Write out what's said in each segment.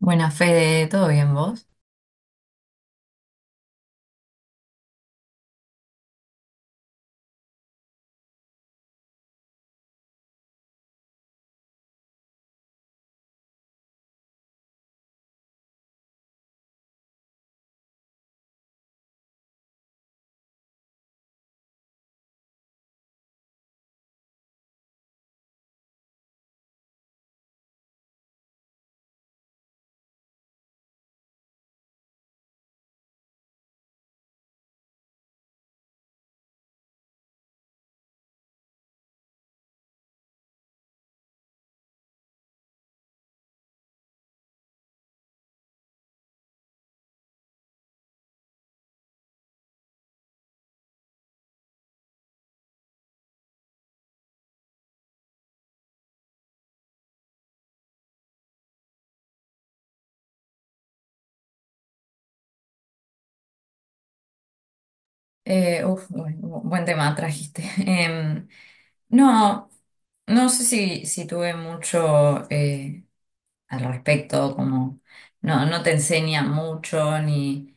Buena Fede, ¿todo bien vos? Buen tema trajiste. No, no sé si tuve mucho al respecto. Como no, no te enseña mucho ni,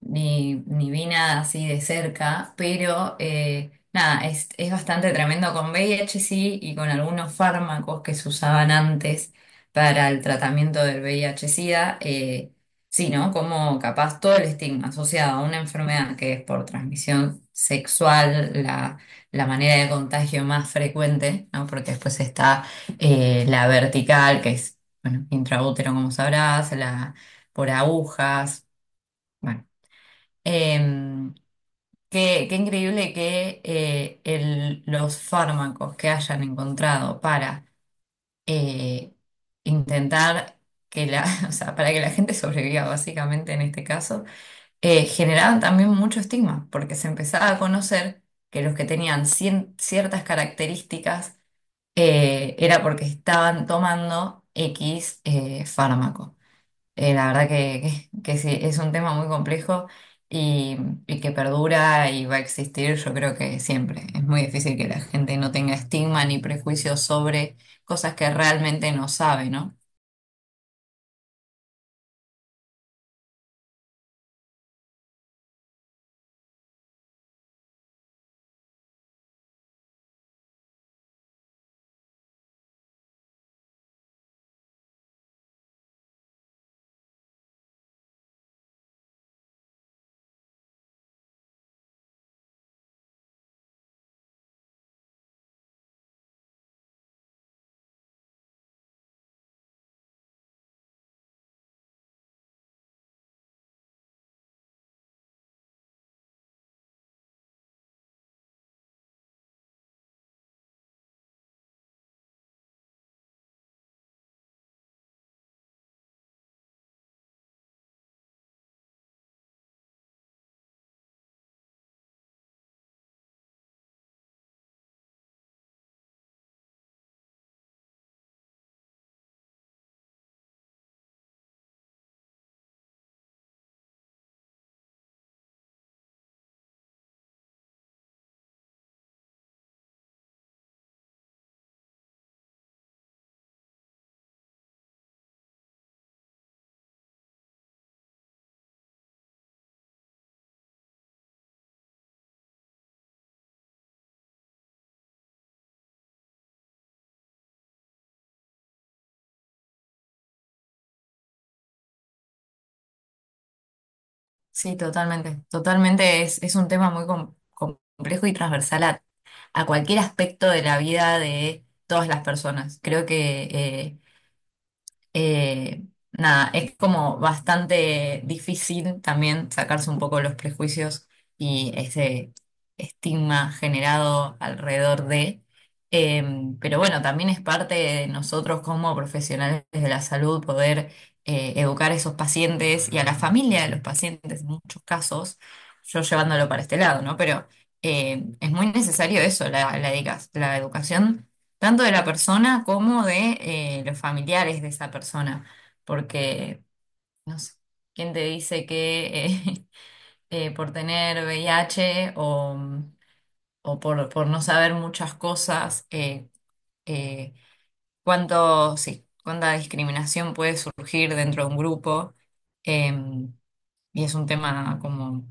ni, ni vi nada así de cerca, pero nada, es bastante tremendo con VIH, sí, y con algunos fármacos que se usaban antes para el tratamiento del VIH-Sida, sí, ¿no? Como capaz todo el estigma asociado a una enfermedad que es por transmisión sexual, la manera de contagio más frecuente, ¿no? Porque después está la vertical, que es, bueno, intraútero, como sabrás, por agujas. Bueno, em, qué increíble que los fármacos que hayan encontrado para eh, intentar que la, o sea, para que la gente sobreviva, básicamente en este caso. Generaban también mucho estigma, porque se empezaba a conocer que los que tenían ciertas características era porque estaban tomando X fármaco. La verdad que sí, es un tema muy complejo y, y que perdura y va a existir, yo creo que siempre. Es muy difícil que la gente no tenga estigma ni prejuicios sobre cosas que realmente no sabe, ¿no? Sí, totalmente. Totalmente es un tema muy complejo y transversal a cualquier aspecto de la vida de todas las personas. Creo que Eh, nada, es como bastante difícil también sacarse un poco los prejuicios y ese estigma generado alrededor de. Eh, pero bueno, también es parte de nosotros como profesionales de la salud poder educar a esos pacientes y a la familia de los pacientes, en muchos casos, yo llevándolo para este lado, ¿no? Pero es muy necesario eso, la educación tanto de la persona como de los familiares de esa persona, porque, no sé, ¿quién te dice que por tener VIH o por no saber muchas cosas, eh, sí, cuánta discriminación puede surgir dentro de un grupo? Em, y es un tema como,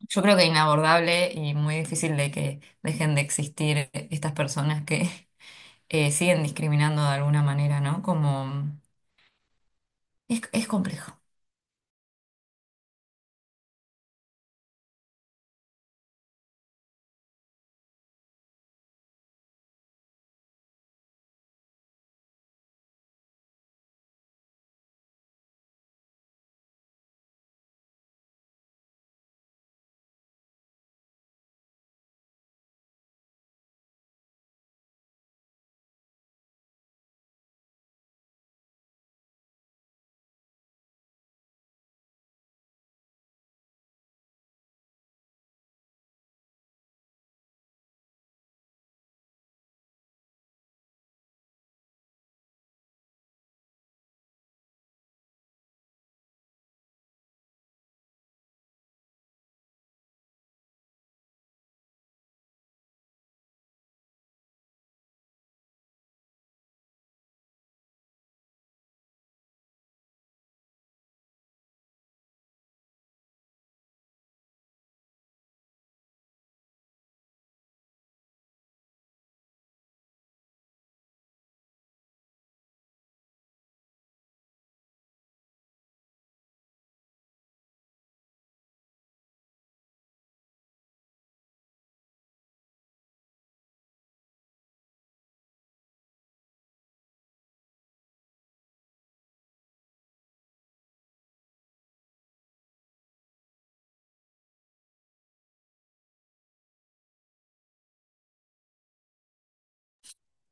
yo creo que inabordable y muy difícil de que dejen de existir estas personas que siguen discriminando de alguna manera, ¿no? Como es complejo.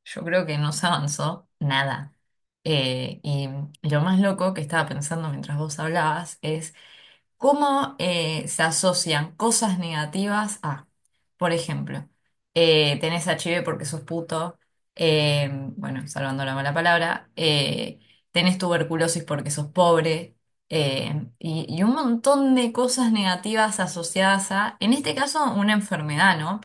Yo creo que no se avanzó nada. Y lo más loco que estaba pensando mientras vos hablabas es, ¿cómo se asocian cosas negativas a, por ejemplo, tenés HIV porque sos puto? eh, bueno, salvando la mala palabra, tenés tuberculosis porque sos pobre, y un montón de cosas negativas asociadas a, en este caso, una enfermedad, ¿no?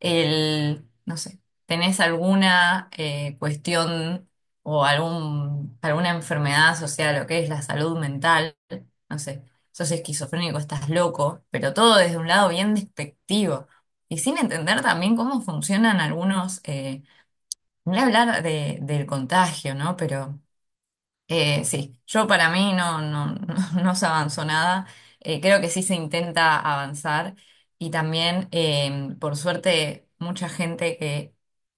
El, no sé, ¿tenés alguna cuestión alguna enfermedad asociada a lo que es la salud mental? No sé, sos esquizofrénico, estás loco, pero todo desde un lado bien despectivo y sin entender también cómo funcionan algunos, no voy a hablar del contagio, ¿no? Pero sí, yo para mí no, no, no, no se avanzó nada. Creo que sí se intenta avanzar y también, por suerte, mucha gente que,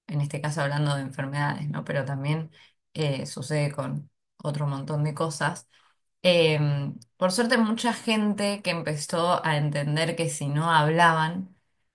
en este caso hablando de enfermedades, ¿no? Pero también sucede con otro montón de cosas. Por suerte, mucha gente que empezó a entender que si no hablaban,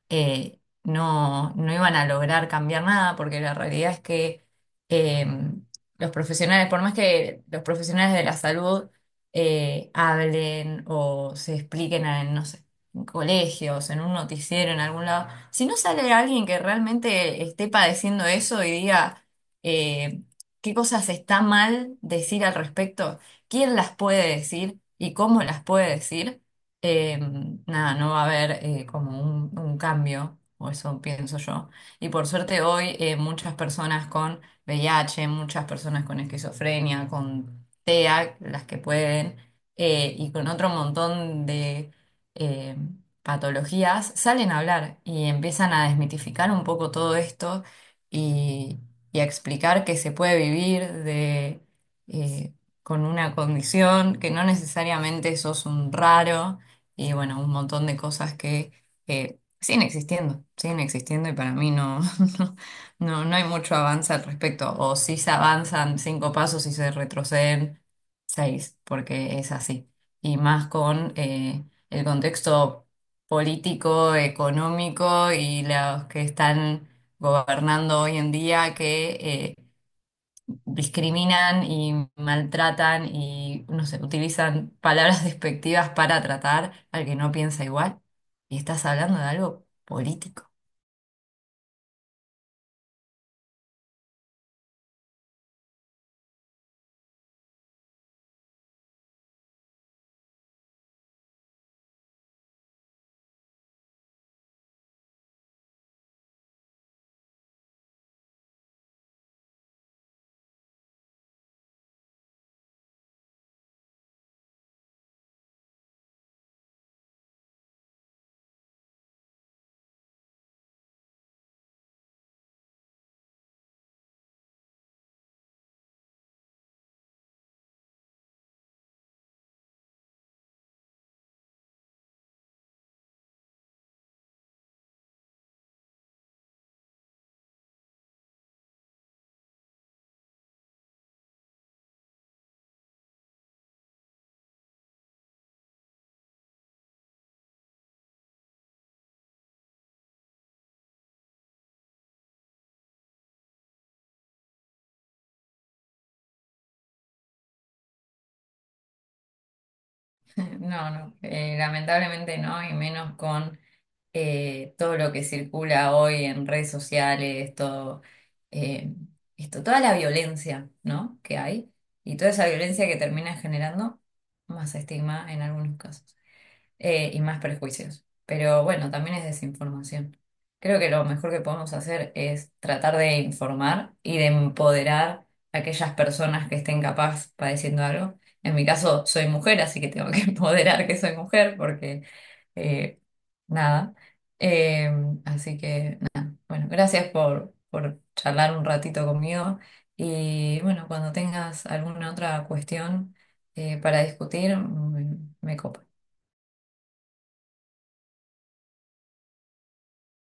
no, no iban a lograr cambiar nada, porque la realidad es que em, los profesionales, por más que los profesionales de la salud hablen o se expliquen en, no sé, en colegios, en un noticiero, en algún lado, si no sale alguien que realmente esté padeciendo eso y diga... eh, ¿qué cosas está mal decir al respecto? Quién las puede decir y cómo las puede decir, eh, nada, no va a haber como un cambio, o eso pienso yo. Y por suerte hoy muchas personas con VIH, muchas personas con esquizofrenia, con TEA, las que pueden, y con otro montón de... eh, patologías, salen a hablar y empiezan a desmitificar un poco todo esto y, y a explicar que se puede vivir de, eh, con una condición, que no necesariamente sos un raro. Y bueno, un montón de cosas que siguen existiendo, siguen existiendo, y para mí no, no, no, no hay mucho avance al respecto. O si se avanzan cinco pasos y se retroceden seis, porque es así. Y más con el contexto político, económico y los que están gobernando hoy en día que... discriminan y maltratan y, no sé, utilizan palabras despectivas para tratar al que no piensa igual. Y estás hablando de algo político. No, no, lamentablemente no, y menos con todo lo que circula hoy en redes sociales, todo, eh, esto, toda la violencia, ¿no?, que hay, y toda esa violencia que termina generando más estigma en algunos casos. Y más prejuicios. Pero bueno, también es desinformación. Creo que lo mejor que podemos hacer es tratar de informar y de empoderar a aquellas personas que estén capaz padeciendo algo. En mi caso, soy mujer, así que tengo que empoderar que soy mujer porque eh, nada. Eh, Así que nada. Bueno, gracias por charlar un ratito conmigo. Y bueno, cuando tengas alguna otra cuestión para discutir, me copa.